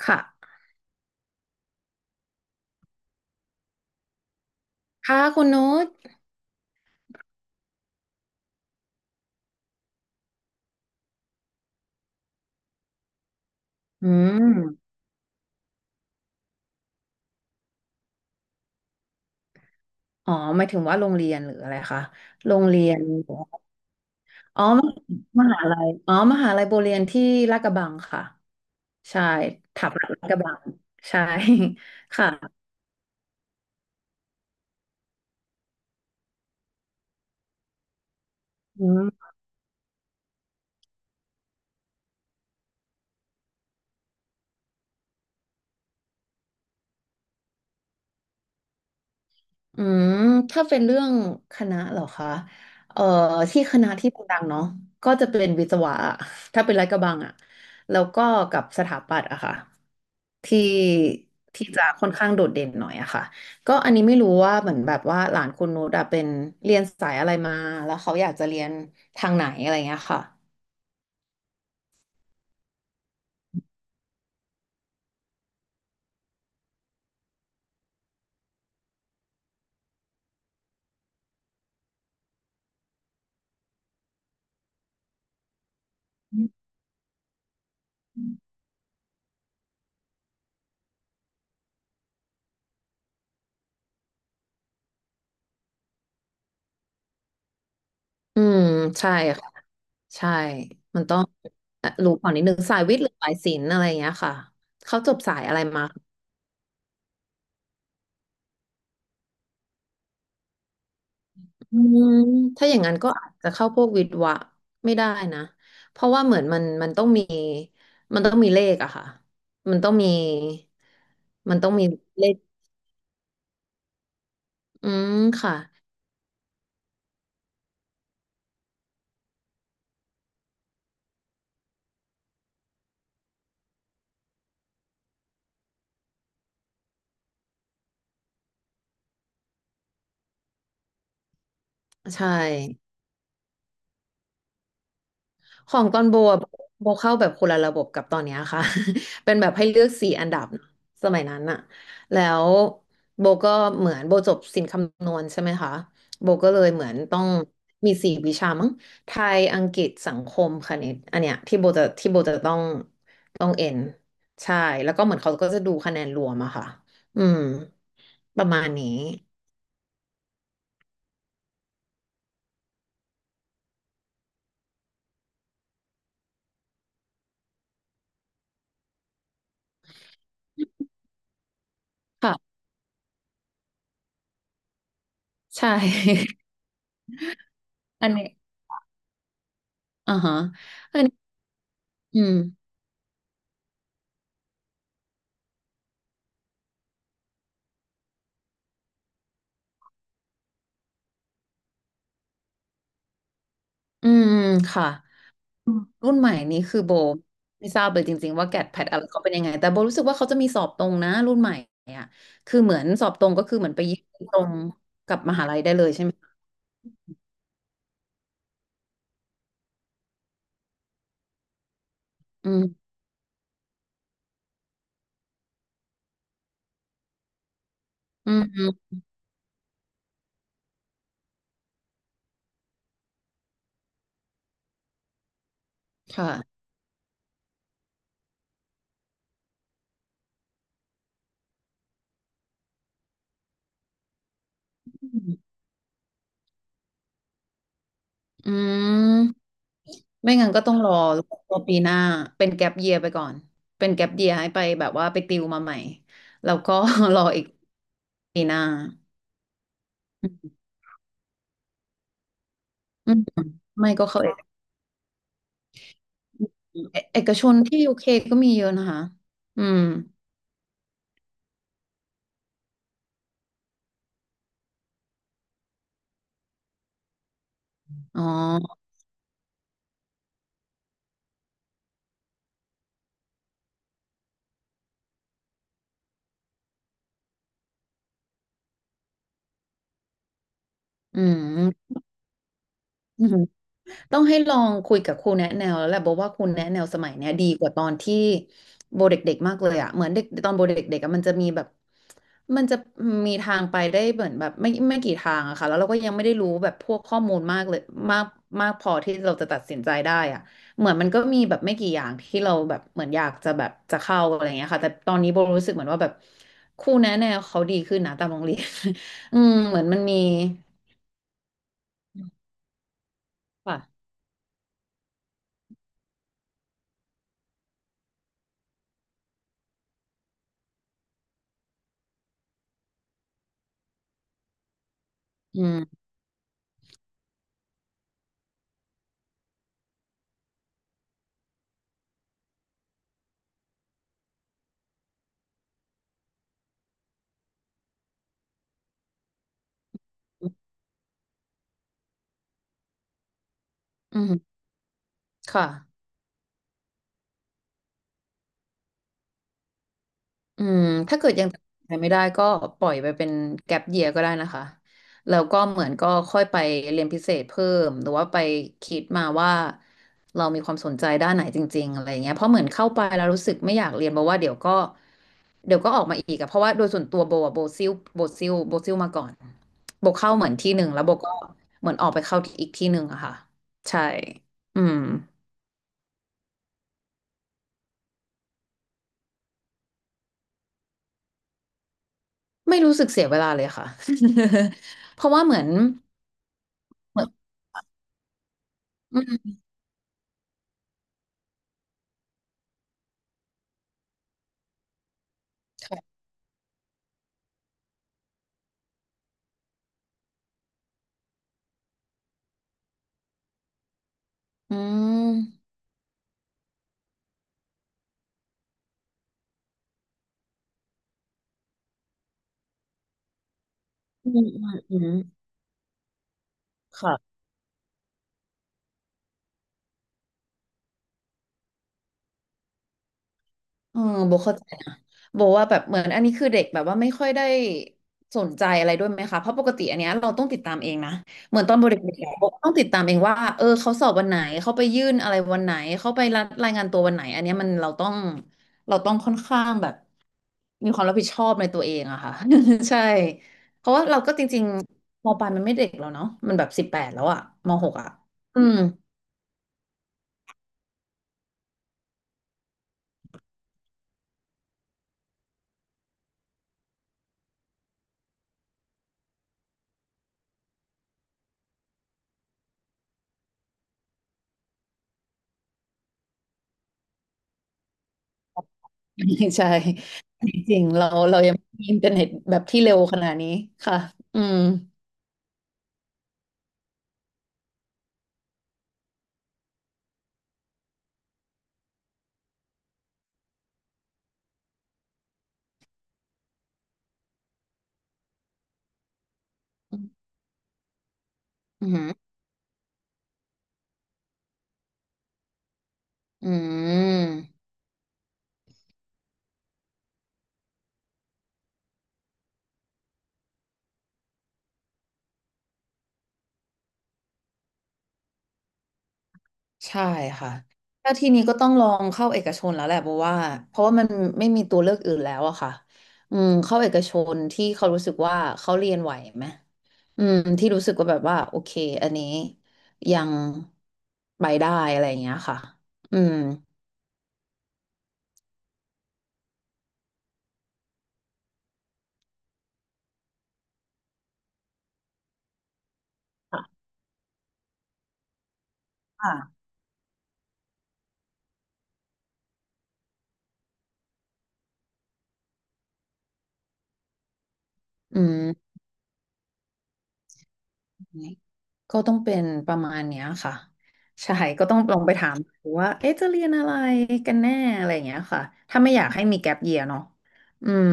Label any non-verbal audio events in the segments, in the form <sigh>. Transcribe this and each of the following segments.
ค่ะค่ะคุณนุชอืมอ๋อหมายถึงว่าโรงเรียนหรืออะไรคะโรงเรียนอ๋อมหาลัยอ๋อมหาลัยโบเรียนที่ลาดกระบังค่ะใช่ถับลาดกระบังใช่ <laughs> ค่ะอืม อืมถ้าเป็นเรื่องคณะเหรอคะเอ่อที่คณะที่ดังๆเนาะก็จะเป็นวิศวะอะถ้าเป็นลาดกระบังอะแล้วก็กับสถาปัตย์อะค่ะที่ที่จะค่อนข้างโดดเด่นหน่อยอะค่ะก็อันนี้ไม่รู้ว่าเหมือนแบบว่าหลานคุณนุชอะเป็นเรียนสายอะไรมาแล้วเขาอยากจะเรียนทางไหนอะไรเงี้ยค่ะอืมใช่ค่ะใช่มันต้องรู้ก่อนนิดนึงสายวิทย์หรือสายศิลป์อะไรเงี้ยค่ะเขาจบสายอะไรมา อืมถ้าอย่างนั้นก็อาจจะเข้าพวกวิทย์วะไม่ได้นะเพราะว่าเหมือนมันต้องมีมันต้องมีเลขอะค่ะมันต้องมีมันต้องมีเลขอืมค่ะใช่ ของตอนโบอะโบเข้าแบบคนละระบบกับตอนเนี้ยค่ะ <laughs> เป็นแบบให้เลือก4 อันดับเนอะสมัยนั้นอะแล้วโบก็เหมือนโบจบศิลป์คำนวณใช่ไหมคะโบก็เลยเหมือนต้องมี4 วิชามั้งไทยอังกฤษสังคมคณิตอันเนี้ยที่โบจะต้องเอ็นใช่แล้วก็เหมือนเขาก็จะดูคะแนนรวมอะค่ะอืมประมาณนี้ค่ะใช่ <laughs> อันนี้อ่าฮะอันนี้อืมอืมค่ะ อืมรุ่นใหม่นี้คือโบไม่ทราบเลยจริงๆว่าแกดแพดอะไรเขาเป็นยังไงแต่โบรู้สึกว่าเขาจะมีสอบตรงนะรุ่นใหม่อ่ะคือเหมือนสอบตรงก็คือเหมือนไปยื่นตรงกับมหาลัยได้เลยใช่ไหมอืมอืมค่ะอืมอืมไม่งั้นก็ต้องรอรอปีหน้าเป็นแก็ปเยียไปก่อนเป็นแก็ปเยียให้ไปแบบว่าไปติวมาใหม่แล้วก็ <laughs> รออีกปีหน้าอืมอืมไม่ก็เข้าเอกเอเอกชนที่ยูเคก็มีเยอะนะคะอืม อ๋ออืมอืมต้องให้ลองคุยกับครูแนะแนวแล้วแหละบอกว่าครูแนะแนวสมัยเนี้ยดีกว่าตอนที่โบเด็กๆมากเลยอะเหมือนเด็กตอนโบเด็กๆอะมันจะมีแบบมันจะมีทางไปได้เหมือนแบบไม่กี่ทางอะค่ะแล้วเราก็ยังไม่ได้รู้แบบพวกข้อมูลมากเลยมากมากพอที่เราจะตัดสินใจได้อะเหมือนมันก็มีแบบไม่กี่อย่างที่เราแบบเหมือนอยากจะแบบจะเข้าอะไรเงี้ยค่ะแต่ตอนนี้โบรู้สึกเหมือนว่าแบบครูแนะแนวเขาดีขึ้นนะตามโรงเรียน <laughs> อืมเหมือนมันมีค่ะอืม อืมค่ะอืมถ้าเกิดยังตัดสินใจไม่ได้ก็ปล่อยไปเป็นแก็ปเยียก็ได้นะคะแล้วก็เหมือนก็ค่อยไปเรียนพิเศษเพิ่มหรือว่าไปคิดมาว่าเรามีความสนใจด้านไหนจริงๆอะไรเงี้ยเพราะเหมือนเข้าไปแล้วรู้สึกไม่อยากเรียนเพราะว่าเดี๋ยวก็ออกมาอีกอะเพราะว่าโดยส่วนตัวโบอะโบซิลมาก่อนโบเข้าเหมือนที่หนึ่งแล้วโบก็เหมือนออกไปเข้าอีกที่หนึ่งอะค่ะใช่อืมไม่รู้สึกเสียเวลาเลยค่ะ <laughs> เพราะว่าเหมือน เหมือนอืมค่ะอืมอืมอืมอืมค่ะเออโบเข้าใจนะโบว่าแบบเหมือนอันนี้คือเด็กแบบว่าไม่ค่อยได้สนใจอะไรด้วยไหมคะเพราะปกติอันเนี้ยเราต้องติดตามเองนะเหมือนตอนโบเด็กๆอะโบต้องติดตามเองว่าเออเขาสอบวันไหนเขาไปยื่นอะไรวันไหนเขาไปรับรายงานตัววันไหนอันเนี้ยมันเราต้องค่อนข้างแบบมีความรับผิดชอบในตัวเองอะค่ะ <laughs> ใช่เพราะว่าเราก็จริงๆมปลายมันไม่เด็กแล้วเนาะมันแบบ18แล้วอะมหกอะอืม <laughs> ใช่จริงๆเรายังไม่มีอินเทอร์เน็ตแบบที่เร็วขนาดนี้ค่ะอืมอืมอือมใช่ค่ะถ้าทีนี้ก็ต้องลองเข้าเอกชนแล้วแหละเพราะว่ามันไม่มีตัวเลือกอื่นแล้วอะค่ะอืมเข้าเอกชนที่เขารู้สึกว่าเขาเรียนไหวไหมอืมที่รู้สึกว่าแบบว่าโอเคอันนี้ยังไปได้อะไรอย่างเงี้ยค่ะอืมค่ะอืม ก็ต้องเป็นประมาณเนี้ยค่ะใช่ก็ต้องลองไปถามดูว่าเอ๊ะจะเรียนอะไรกันแน่อะไรอย่างเงี้ยค่ะถ้าไม่อยากให้มีแก p เยียเนาะอืม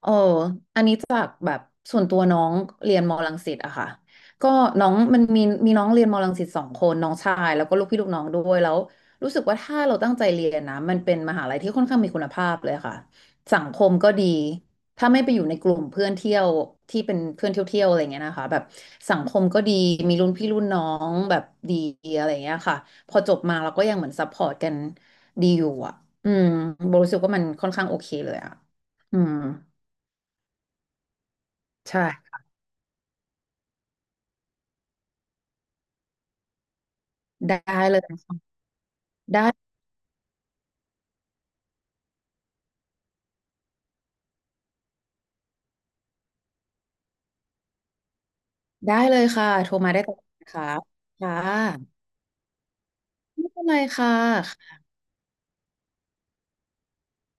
เอออันนี้จากแบบส่วนตัวน้องเรียนมอรังสิตอะค่ะก็น้องมันมีน้องเรียนมอรังสิต2 คนน้องชายแล้วก็ลูกพี่ลูกน้องด้วยแล้วรู้สึกว่าถ้าเราตั้งใจเรียนนะมันเป็นมหาลัยที่ค่อนข้างมีคุณภาพเลยค่ะสังคมก็ดีถ้าไม่ไปอยู่ในกลุ่มเพื่อนเที่ยวที่เป็นเพื่อนเที่ยวเที่ยวอะไรเงี้ยนะคะแบบสังคมก็ดีมีรุ่นพี่รุ่นน้องแบบดีอะไรเงี้ยค่ะพอจบมาเราก็ยังเหมือนซัพพอร์ตกันดีอยู่อะอืมโบรู้สึกว่ามันค่อนข้างโอเคเลยอะอืม ใช่ได้เลยค่ะได้ได้เลยค่ะโทรมาได้ตลอดนะคะค่ะไม่เป็นไรค่ะ